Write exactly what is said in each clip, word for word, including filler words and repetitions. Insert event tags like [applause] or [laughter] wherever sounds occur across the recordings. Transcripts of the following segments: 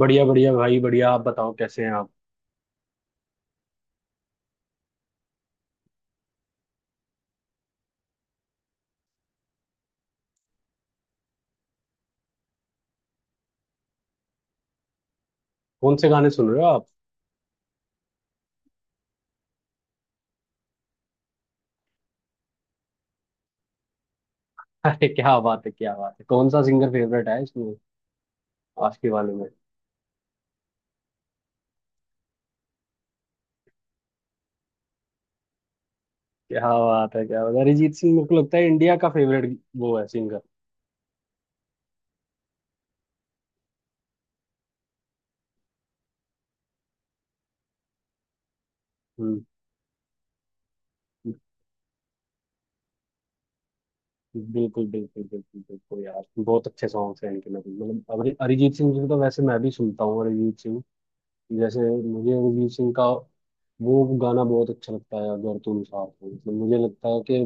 बढ़िया बढ़िया भाई बढ़िया। आप बताओ कैसे हैं आप। कौन से गाने सुन रहे हो आप? [laughs] अरे क्या बात है, क्या बात है। कौन सा सिंगर फेवरेट है इसमें? आज के वाले में। क्या बात है, क्या बात है। अरिजीत सिंह, मेरे को लगता है इंडिया का फेवरेट वो है सिंगर। हम्म। बिल्कुल बिल्कुल बिल्कुल बिल्कुल यार, बहुत अच्छे सॉन्ग्स हैं इनके। मतलब मतलब अरि- अरिजीत सिंह जी को तो वैसे मैं भी सुनता हूँ। अरिजीत सिंह जैसे, मुझे अरिजीत सिंह का वो गाना बहुत अच्छा लगता है, अगर तुम साथ हो। मतलब मुझे लगता है कि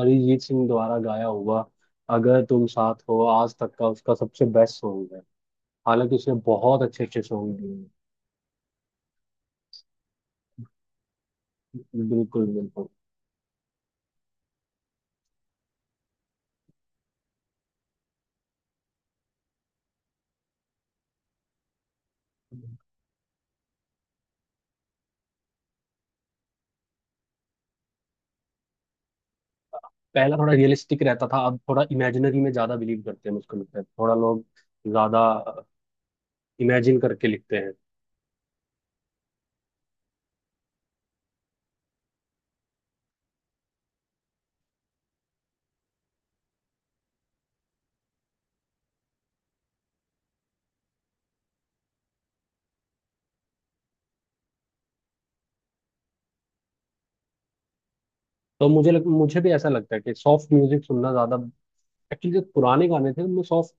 अरिजीत सिंह द्वारा गाया हुआ अगर तुम साथ हो आज तक का उसका सबसे बेस्ट सॉन्ग है। हालांकि उसने बहुत अच्छे अच्छे सॉन्ग दिए हैं। बिल्कुल बिल्कुल। पहला थोड़ा रियलिस्टिक रहता था, अब थोड़ा इमेजिनरी में ज्यादा बिलीव करते हैं, मुझको लगता है थोड़ा लोग ज्यादा इमेजिन करके लिखते हैं। तो मुझे लग, मुझे भी ऐसा लगता है कि सॉफ्ट म्यूजिक सुनना ज्यादा, एक्चुअली जो पुराने गाने थे उनमें सॉफ्ट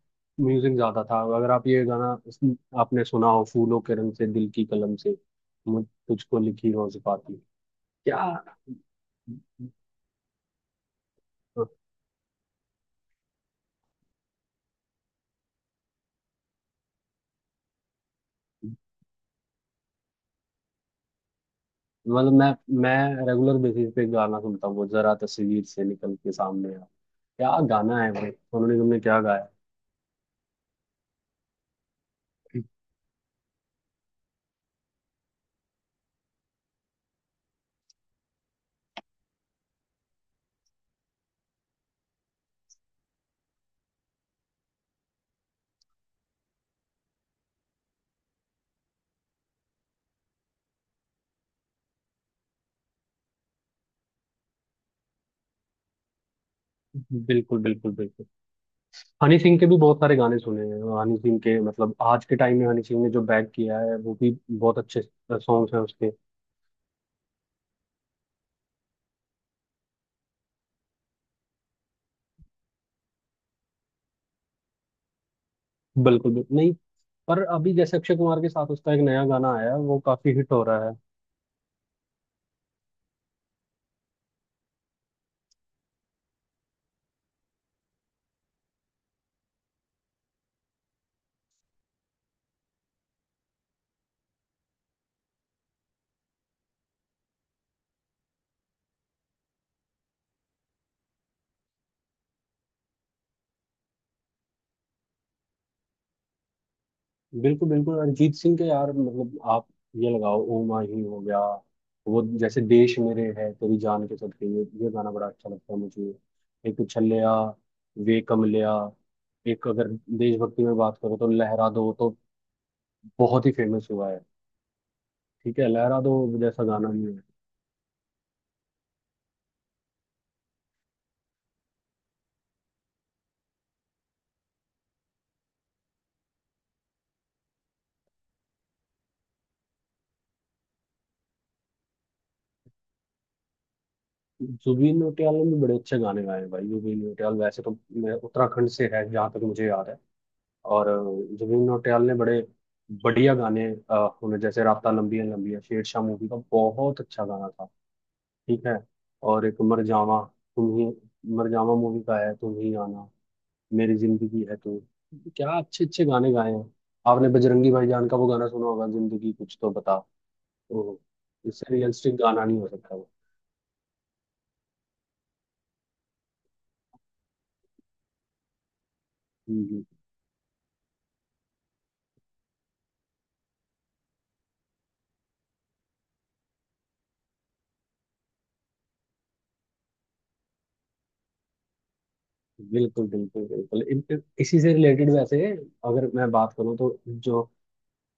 म्यूजिक ज्यादा था। अगर आप ये गाना इस- आपने सुना हो, फूलों के रंग से दिल की कलम से मुझ- तुझको लिखी रोज पाती। क्या। मतलब मैं मैं रेगुलर बेसिस पे गाना सुनता हूँ, वो जरा तस्वीर से निकल के सामने आ। क्या गाना है भाई उन्होंने, तुमने क्या गाया। बिल्कुल बिल्कुल बिल्कुल। हनी सिंह के भी बहुत सारे गाने सुने हैं हनी सिंह के। मतलब आज के टाइम में हनी सिंह ने जो बैक किया है वो भी बहुत अच्छे सॉन्ग्स हैं उसके। बिल्कुल बिल्कुल, नहीं। पर अभी जैसे अक्षय कुमार के साथ उसका एक नया गाना आया है, वो काफी हिट हो रहा है। बिल्कुल बिल्कुल, अरिजीत सिंह के यार, मतलब आप ये लगाओ, ओ माही हो गया। वो जैसे देश मेरे है तेरी जान के सदके, ये ये गाना बड़ा अच्छा लगता है मुझे। एक उछलिया, वे कमलिया। एक अगर देशभक्ति में बात करो तो लहरा दो, तो बहुत ही फेमस हुआ है। ठीक है, लहरा दो जैसा गाना नहीं है। जुबिन नौटियाल ने भी बड़े अच्छे गाने गाए हैं भाई। जुबिन नौटियाल वैसे तो, मैं उत्तराखंड से है जहाँ तक मुझे याद है। और अ, जुबिन नौटियाल ने बड़े बढ़िया गाने, अ, उन्हें जैसे रात लंबी है लंबी है, शेरशाह मूवी का बहुत अच्छा गाना था। ठीक है। और एक मर जावा, तुम ही, मर जावा मूवी का है, तुम ही आना मेरी जिंदगी है तू। क्या अच्छे अच्छे गाने गाए हैं। आपने बजरंगी भाईजान का वो गाना सुना होगा, जिंदगी कुछ तो बता। तो इससे रियलिस्टिक गाना नहीं हो सकता वो। हम्म, हम्म। बिल्कुल बिल्कुल बिल्कुल, इन- इसी से रिलेटेड वैसे अगर मैं बात करूँ तो जो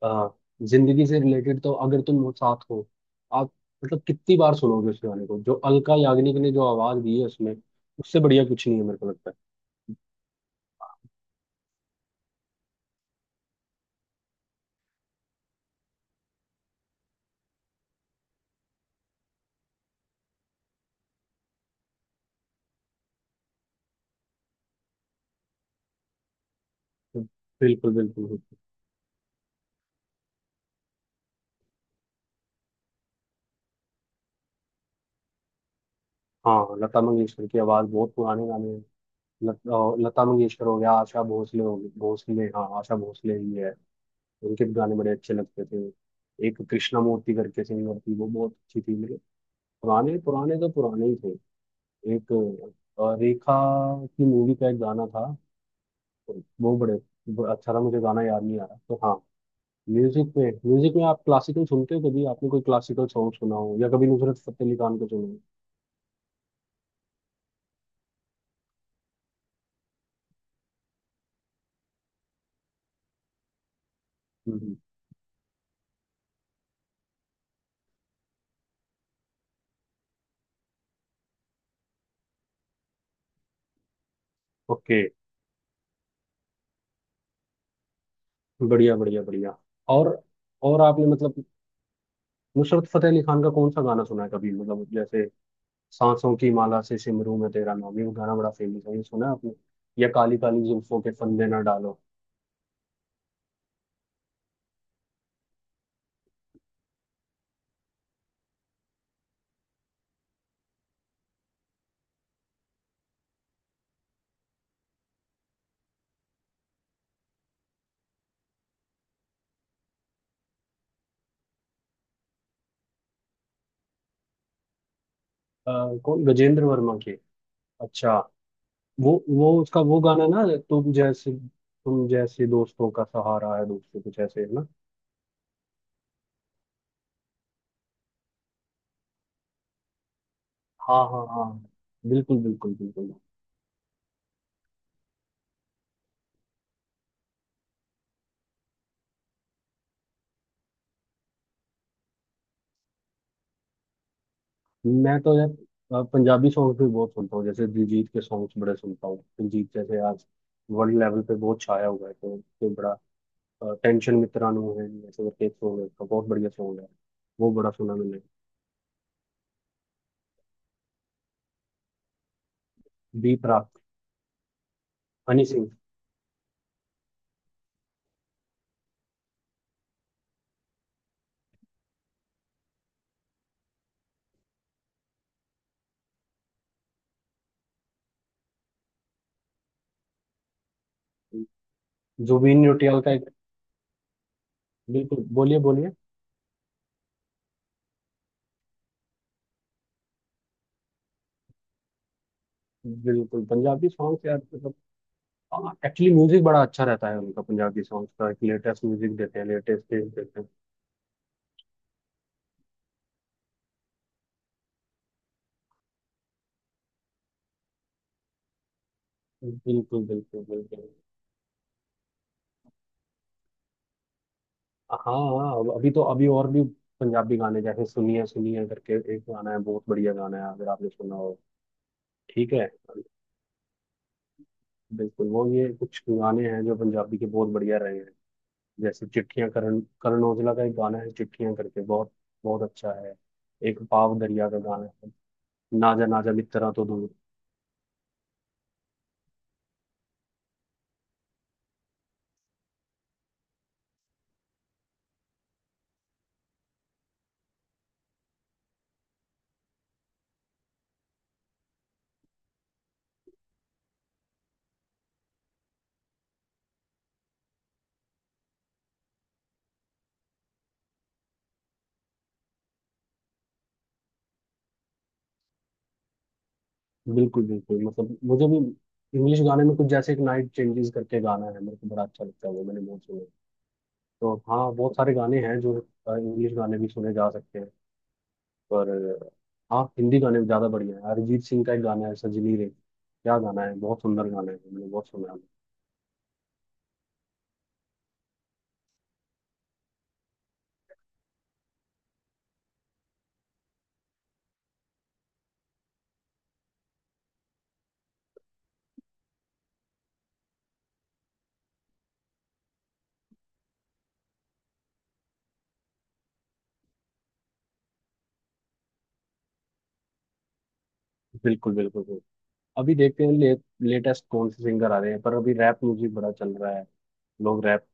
आ, जिंदगी से रिलेटेड, तो अगर तुम साथ हो आप, मतलब कितनी बार सुनोगे उस गाने को जो अलका याग्निक ने जो आवाज दी है उसमें। उससे बढ़िया कुछ नहीं है मेरे को लगता है। बिल्कुल बिल्कुल बिल्कुल। हाँ, लता मंगेशकर की आवाज, बहुत पुराने गाने हैं। लत, अ, लता मंगेशकर हो गया, आशा भोसले हो गई भोसले, हाँ आशा भोसले ही है। उनके भी गाने बड़े अच्छे लगते थे। एक कृष्णा मूर्ति करके सिंगर थी, वो बहुत अच्छी थी मतलब। पुराने पुराने तो पुराने ही थे। एक अ, रेखा की मूवी का एक गाना था, वो बड़े, वो अच्छा था, मुझे गाना याद नहीं आ रहा तो हाँ। म्यूजिक में म्यूजिक में आप क्लासिकल सुनते हो कभी? आपने कोई क्लासिकल सॉन्ग सुना हो या कभी नुसरत फतेह अली खान को सुना हो? हम्म, ओके। बढ़िया बढ़िया बढ़िया। और और आपने मतलब नुसरत फतेह अली खान का कौन सा गाना सुना है कभी? मतलब जैसे सांसों की माला से सिमरू में तेरा नाम, ये गाना बड़ा फेमस है, ये सुना है आपने? या काली काली जुल्फों के फंदे ना डालो। अ, कौन, गजेंद्र वर्मा के? अच्छा। वो वो उसका वो गाना ना, तुम जैसे तुम जैसे दोस्तों का सहारा है दोस्तों, कुछ ऐसे है ना? हाँ हाँ हाँ, बिल्कुल बिल्कुल बिल्कुल। मैं तो यार अ, पंजाबी सॉन्ग भी बहुत सुनता हूँ। जैसे दिलजीत के सॉन्ग्स बड़े सुनता हूँ, दिलजीत जैसे आज वर्ल्ड लेवल पे बहुत छाया हुआ है, तो उसके बड़ा टेंशन मित्रानू है ऐसे करके एक सॉन्ग है उसका, बहुत बढ़िया सॉन्ग है। वो बड़ा सुना मैंने। बी प्राक, हनी सिंह। जुबिन नौटियाल का एक। बिल्कुल, बोलिए बोलिए। बिल्कुल पंजाबी सॉन्ग यार, मतलब एक्चुअली म्यूजिक बड़ा अच्छा रहता है उनका, पंजाबी सॉन्ग्स का लेटेस्ट म्यूजिक देते हैं, लेटेस्ट चीज देते हैं। बिल्कुल बिल्कुल बिल्कुल। हाँ हाँ अब- अभी तो अभी और भी पंजाबी गाने जैसे सुनिए सुनिए करके एक गाना है, बहुत बढ़िया गाना है, अगर आपने सुना हो। ठीक है। बिल्कुल, वो ये कुछ गाने हैं जो पंजाबी के बहुत बढ़िया रहे हैं। जैसे चिट्ठियां, करण करण औजला का एक गाना है चिट्ठियां करके, बहुत बहुत अच्छा है। एक पाव दरिया का गाना है, नाजा नाजा मित्रा तो दूर। बिल्कुल बिल्कुल, मतलब मुझे भी इंग्लिश गाने में कुछ जैसे एक नाइट चेंजेस करके गाना है, मेरे को बड़ा अच्छा लगता है, वो मैंने बहुत सुने। तो हाँ बहुत सारे गाने हैं जो अ, इंग्लिश गाने भी सुने जा सकते हैं, पर अ, हाँ हिंदी गाने भी ज्यादा बढ़िया है। अरिजीत सिंह का एक गाना है सजनी रे, क्या गाना है, बहुत सुंदर गाना है, मैंने बहुत सुना है। बिल्कुल बिल्कुल बिल्कुल। अभी देखते हैं ले, लेटेस्ट कौन से सिंगर आ रहे हैं, पर अभी रैप म्यूजिक बड़ा चल रहा है, लोग रैप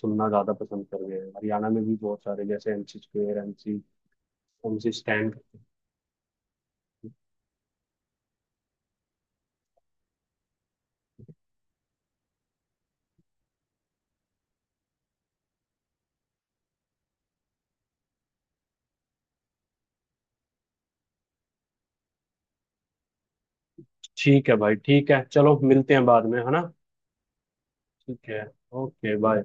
सुनना ज्यादा पसंद कर रहे हैं। हरियाणा में भी बहुत सारे, जैसे MC square, MC MC Stan. ठीक है भाई, ठीक है, चलो मिलते हैं बाद में है ना। ठीक है, ओके बाय।